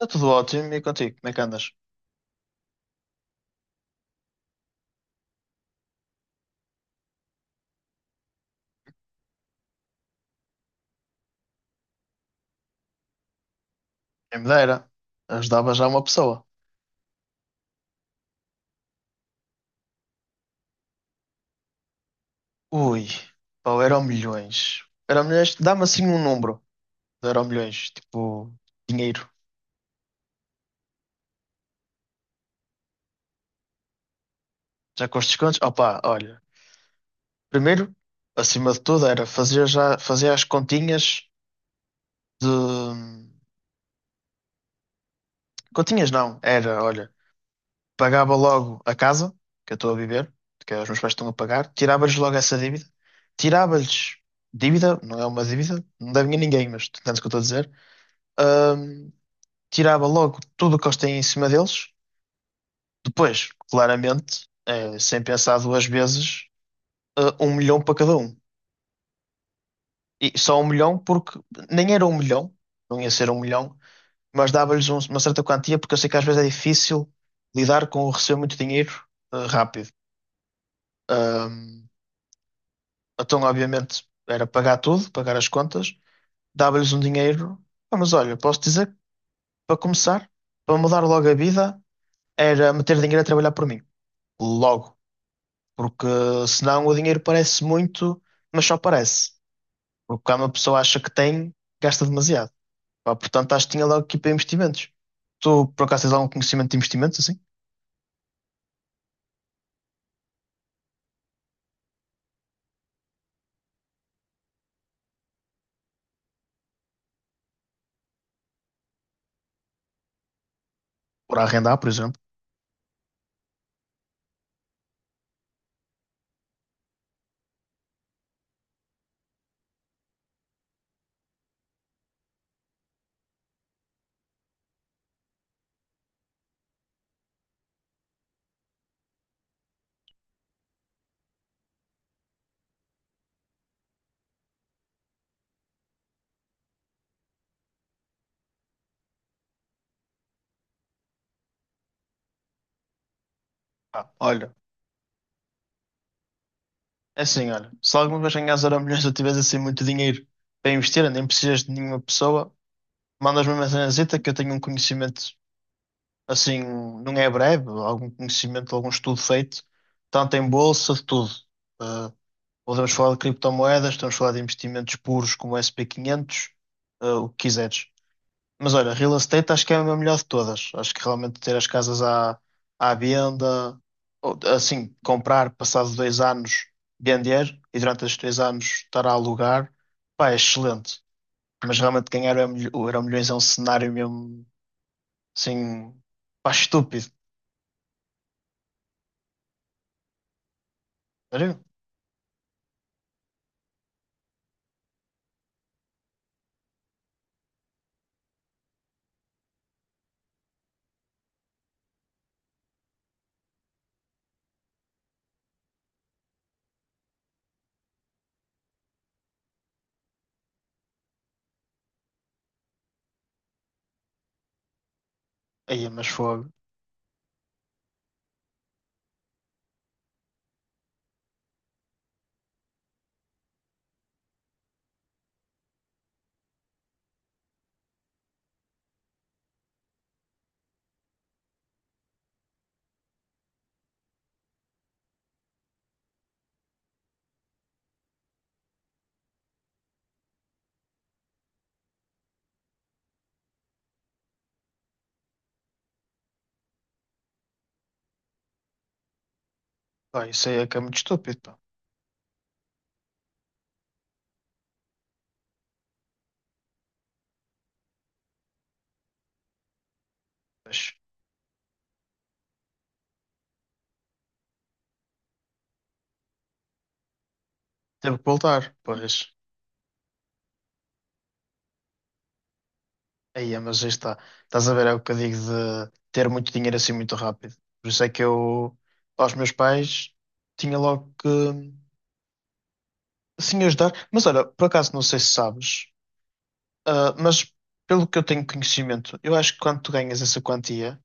Está tudo ótimo e contigo, como é que andas? Quem me dera, ajudava já uma pessoa. Ui, pá, o Euromilhões. Euromilhões, dá-me assim um número de Euromilhões, tipo, dinheiro. Já com os descontos? Opá, olha, primeiro, acima de tudo, era fazer já, fazer as continhas de... Continhas não, era, olha, pagava logo a casa que eu estou a viver, que os meus pais estão a pagar, tirava-lhes logo essa dívida, tirava-lhes dívida, não é uma dívida, não deve ninguém, mas tu entendes o que eu estou a dizer? Ahm, tirava logo tudo o que eles têm em cima deles. Depois, claramente, sem pensar duas vezes, um milhão para cada um. E só um milhão porque nem era um milhão, não ia ser um milhão, mas dava-lhes uma certa quantia porque eu sei que às vezes é difícil lidar com o receber muito dinheiro, rápido. Ahm, então, obviamente, era pagar tudo, pagar as contas, dava-lhes um dinheiro. Ah, mas olha, posso dizer, que, para começar, para mudar logo a vida, era meter dinheiro a trabalhar por mim. Logo. Porque senão o dinheiro parece muito, mas só parece. Porque quando uma pessoa acha que tem, gasta demasiado. Pá, portanto, acho que tinha logo aqui para investimentos. Tu, por acaso, tens algum conhecimento de investimentos, assim? Por arrendar, por exemplo? Pá, olha, é assim, olha. Se alguma vez ganhas zero milhões ou tiveres assim muito dinheiro para investir, nem precisas de nenhuma pessoa, mandas-me uma mensagenzita que eu tenho um conhecimento, assim, não é breve, algum conhecimento, algum estudo feito, tanto em bolsa, de tudo. Ah, Podemos falar de criptomoedas, podemos falar de investimentos puros como o S&P 500, o que quiseres. Mas olha, real estate acho que é a melhor de todas. Acho que realmente ter as casas à venda, ou, assim, comprar, passado dois anos, vender e durante esses dois anos estar a alugar, pá, é excelente. Mas realmente ganhar é o o Euromilhões é um cenário mesmo, assim, pá, estúpido. Sério? Aí, mas fogo. Pá, isso aí é que é muito estúpido, pá. Mas teve que voltar, pois. Aí, é, mas aí está. Estás a ver, é o que eu digo de ter muito dinheiro assim muito rápido. Por isso é que eu, aos meus pais, tinha logo que assim ajudar. Mas olha, por acaso não sei se sabes, mas pelo que eu tenho conhecimento, eu acho que quando tu ganhas essa quantia,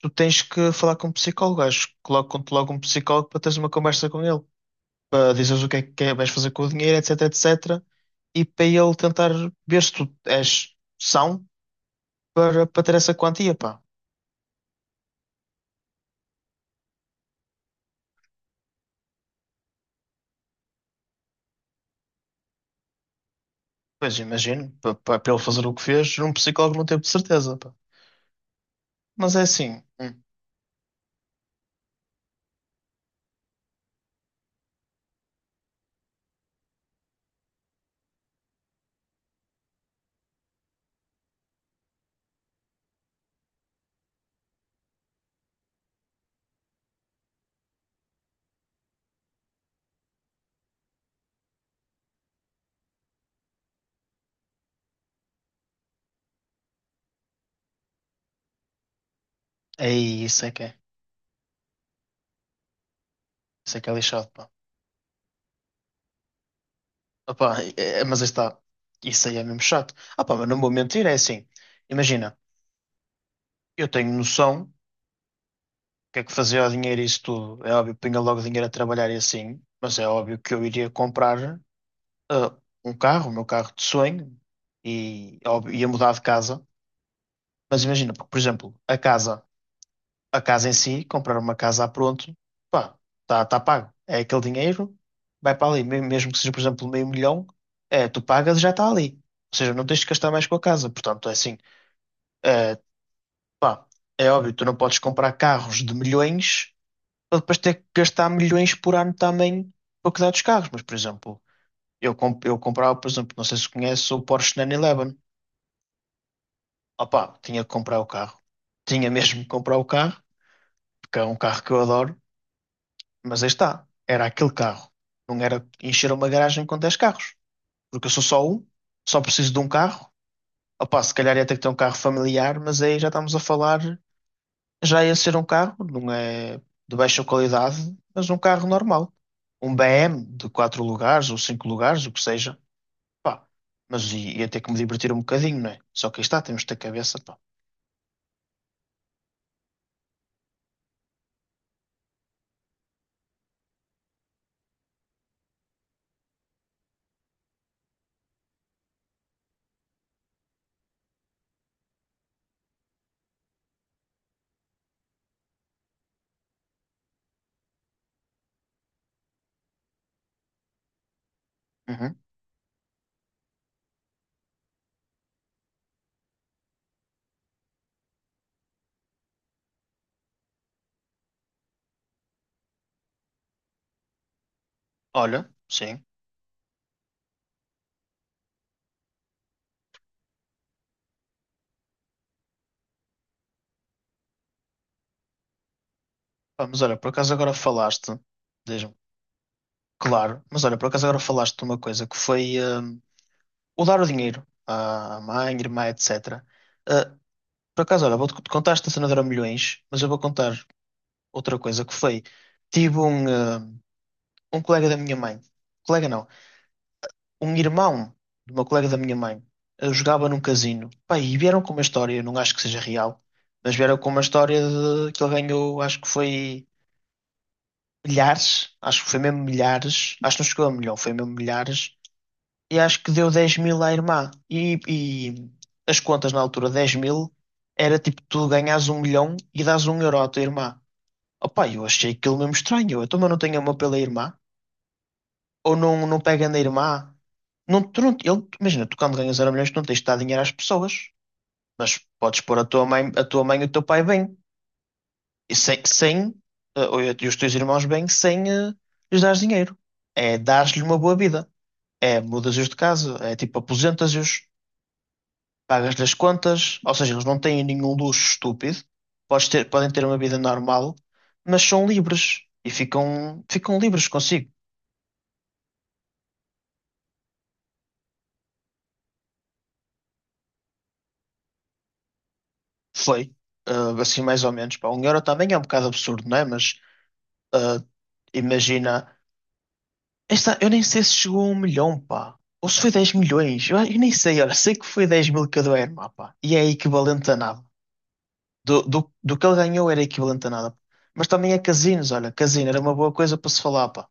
tu tens que falar com um psicólogo. Acho que colocam-te logo um psicólogo para teres uma conversa com ele, para dizeres o que é que vais fazer com o dinheiro, etc, etc. E para ele tentar ver se tu és são para ter essa quantia, pá. Pois imagino, para ele fazer o que fez, um psicólogo não teve de certeza, pá. Mas é assim, aí isso é que é lixado, pá. Opá, mas aí está, isso aí é mesmo chato. Ah pá, mas não vou mentir, é assim, imagina, eu tenho noção do que é que fazia o dinheiro e isso tudo, é óbvio, punha logo o dinheiro a trabalhar e assim, mas é óbvio que eu iria comprar ah, um carro, o meu carro de sonho, e óbvio, ia mudar de casa, mas imagina, porque, por exemplo, a casa. A casa em si, comprar uma casa a pronto, pá, está pago. É aquele dinheiro, vai para ali. Mesmo que seja, por exemplo, meio milhão, é, tu pagas e já está ali. Ou seja, não tens de gastar mais com a casa. Portanto, é assim, é, pá, é óbvio, tu não podes comprar carros de milhões para depois ter que gastar milhões por ano também para cuidar dos carros. Mas, por exemplo, eu comprava, por exemplo, não sei se conhece o Porsche 911. Opá, tinha que comprar o carro. Tinha mesmo que comprar o carro, porque é um carro que eu adoro. Mas aí está, era aquele carro. Não era encher uma garagem com 10 carros. Porque eu sou só um, só preciso de um carro. Opá, se calhar ia ter que ter um carro familiar, mas aí já estamos a falar, já ia ser um carro, não é de baixa qualidade, mas um carro normal. Um BM de 4 lugares ou 5 lugares, o que seja. Pá, mas ia ter que me divertir um bocadinho, não é? Só que aí está, temos de ter cabeça, pá. Uhum. Olha, sim. Pá, mas olha, por acaso agora falaste, diz-me, claro, mas olha, por acaso agora falaste de uma coisa que foi. O dar o dinheiro à mãe, irmã, etc. Ah, por acaso, olha, vou-te contar esta cena de Euromilhões, mas eu vou contar outra coisa que foi. Tive um colega da minha mãe, colega não, um irmão de uma colega da minha mãe, jogava num casino. Pá, e vieram com uma história, eu não acho que seja real, mas vieram com uma história de que ele ganhou, acho que foi milhares, acho que foi mesmo milhares, acho que não chegou a um milhão, foi mesmo milhares e acho que deu 10 mil à irmã. E as contas na altura, 10 mil, era tipo tu ganhas um milhão e dás um euro à tua irmã. Opa, eu achei aquilo mesmo estranho. Eu também não tenho amor pela irmã. Ou não, não pega na irmã. Não, tu não, ele, imagina, tu quando ganhas zero milhões, tu não tens de dar dinheiro às pessoas. Mas podes pôr a tua mãe e o teu pai bem. E sem, ou, e os teus irmãos bem, sem, lhes dar dinheiro. É dar lhe uma boa vida. É mudas-os de casa. É tipo aposentas-os. Pagas-lhe as contas, ou seja, eles não têm nenhum luxo estúpido, podem ter uma vida normal, mas são livres e ficam livres consigo. Foi, assim mais ou menos. Pá, um euro também é um bocado absurdo, não é? Mas ah, imagina, esta, eu nem sei se chegou a um milhão, pá. Ou se foi 10 milhões, eu nem sei, olha, sei que foi 10 mil cada irmã, pá, e é equivalente a nada. Do que ele ganhou era equivalente a nada. Mas também é casinos, olha, casino era uma boa coisa para se falar, pá.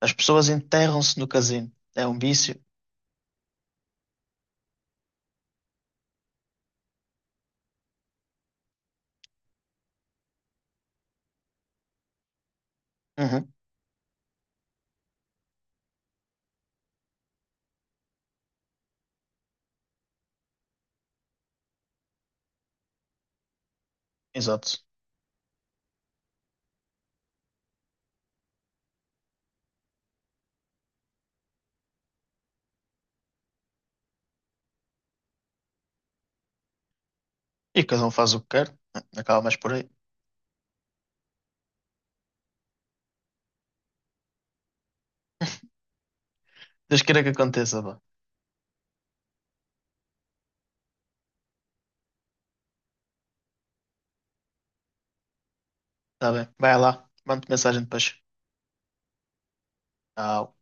As pessoas enterram-se no casino. É um vício. Uhum, exato. E cada um faz o que quer. Acaba mais por aí. Deus queira que aconteça, vá. Tá bem. Vai lá. Mande mensagem depois. Tchau.